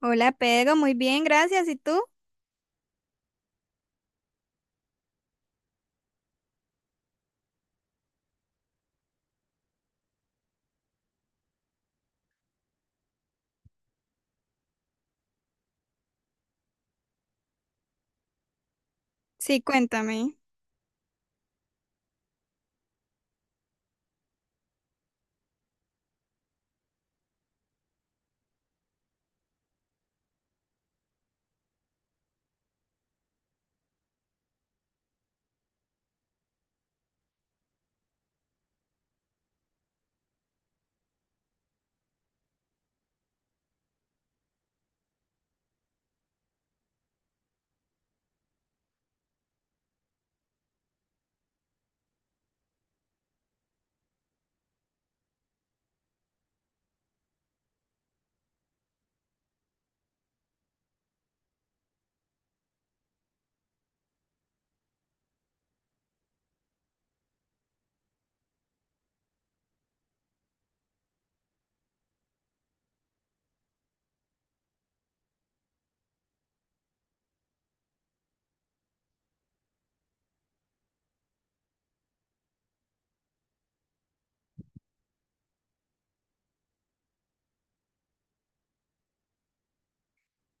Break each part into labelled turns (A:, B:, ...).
A: Hola Pedro, muy bien, gracias. ¿Y tú? Sí, cuéntame.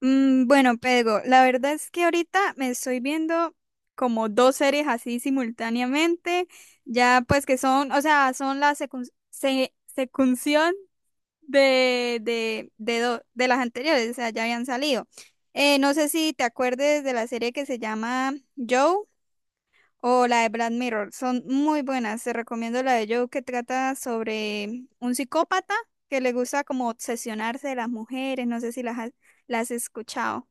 A: Bueno, Pedro, la verdad es que ahorita me estoy viendo como dos series así simultáneamente, ya pues que son, o sea, son la secunción de las anteriores, o sea, ya habían salido. No sé si te acuerdes de la serie que se llama Joe, o la de Black Mirror. Son muy buenas. Te recomiendo la de Joe, que trata sobre un psicópata que le gusta como obsesionarse de las mujeres. No sé si las has escuchado.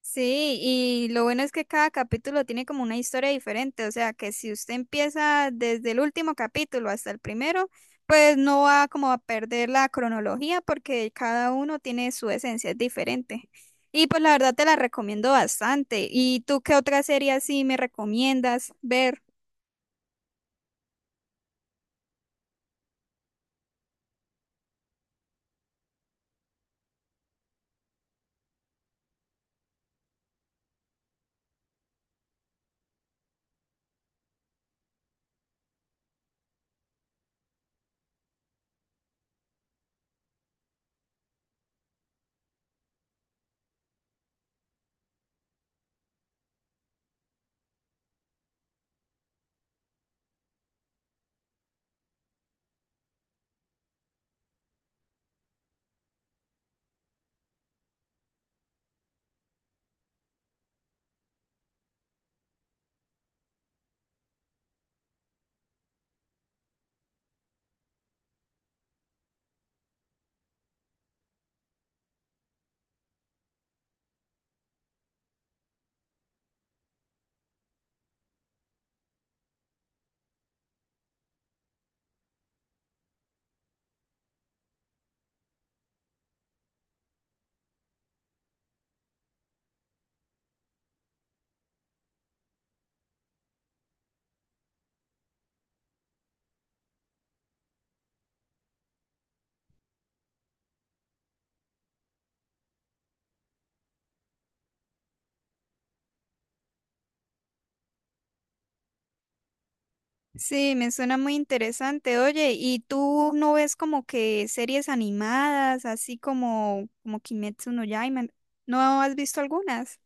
A: Sí, y lo bueno es que cada capítulo tiene como una historia diferente. O sea, que si usted empieza desde el último capítulo hasta el primero, pues no va como a perder la cronología porque cada uno tiene su esencia, es diferente. Y pues la verdad te la recomiendo bastante. ¿Y tú qué otra serie así me recomiendas ver? Sí, me suena muy interesante. Oye, ¿y tú no ves como que series animadas, así como, como Kimetsu no Yaiba? ¿No has visto algunas?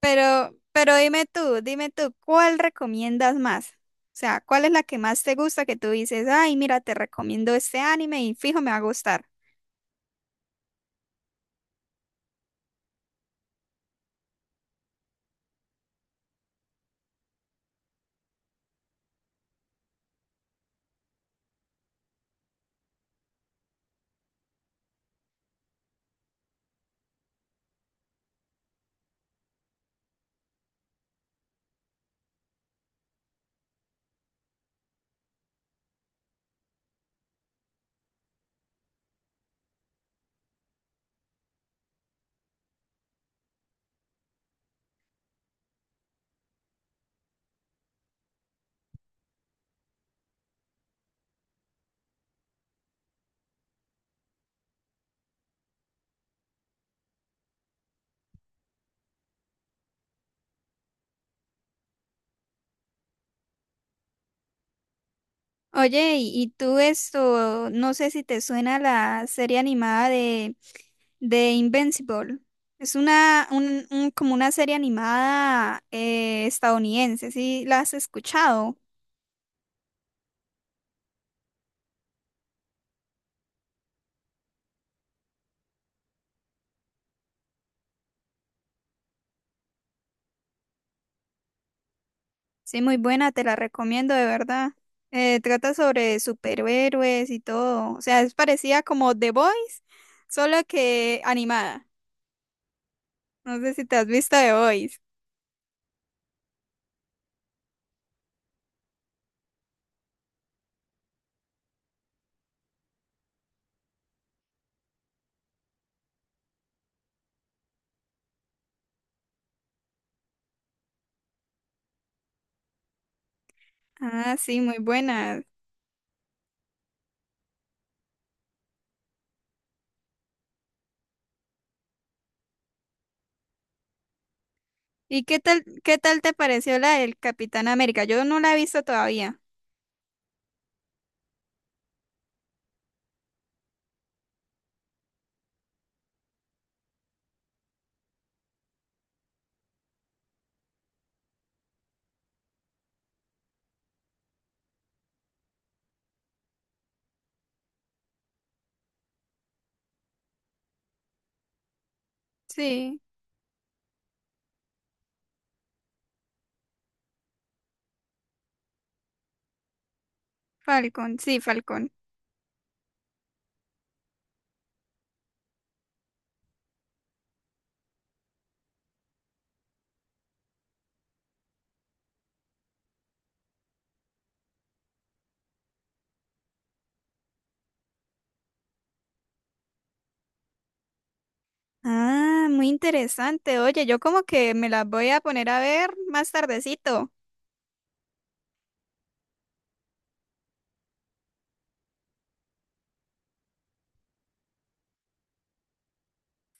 A: Pero, pero dime tú, ¿cuál recomiendas más? O sea, ¿cuál es la que más te gusta que tú dices, ay, mira, te recomiendo este anime y fijo, me va a gustar? Oye, y tú esto, no sé si te suena la serie animada de Invincible. Es como una serie animada estadounidense. ¿Sí la has escuchado? Sí, muy buena, te la recomiendo de verdad. Trata sobre superhéroes y todo. O sea, es parecida como The Boys, solo que animada. No sé si te has visto The Boys. Ah, sí, muy buena. ¿Y qué tal te pareció la del Capitán América? Yo no la he visto todavía. Sí, Falcon, sí, Falcon. Ah, muy interesante. Oye, yo como que me las voy a poner a ver más tardecito.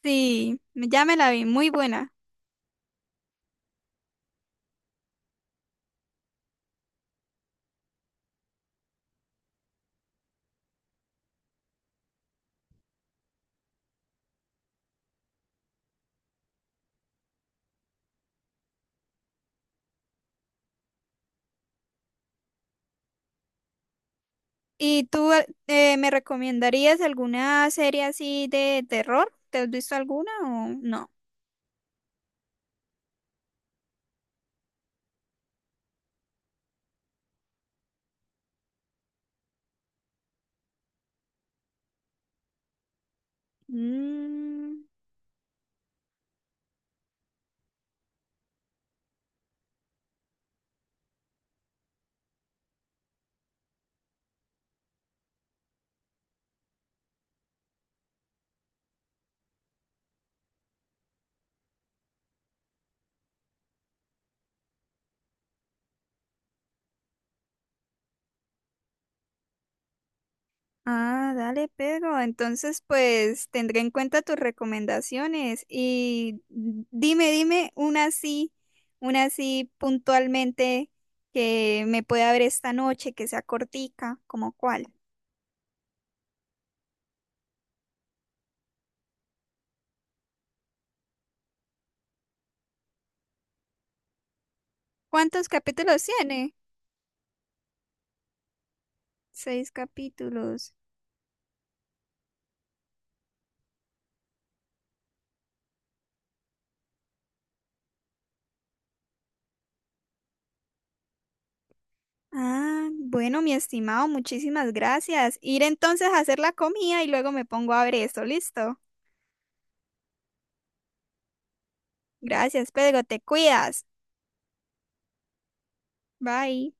A: Sí, ya me la vi, muy buena. ¿Y tú me recomendarías alguna serie así de terror? ¿Te has visto alguna o no? Mm. Ah, dale, Pedro. Entonces, pues tendré en cuenta tus recomendaciones y dime una así puntualmente que me pueda ver esta noche, que sea cortica, como cuál. ¿Cuántos capítulos tiene? Seis capítulos. Ah, bueno, mi estimado, muchísimas gracias. Ir entonces a hacer la comida y luego me pongo a ver esto. Listo. Gracias, Pedro. Te cuidas. Bye.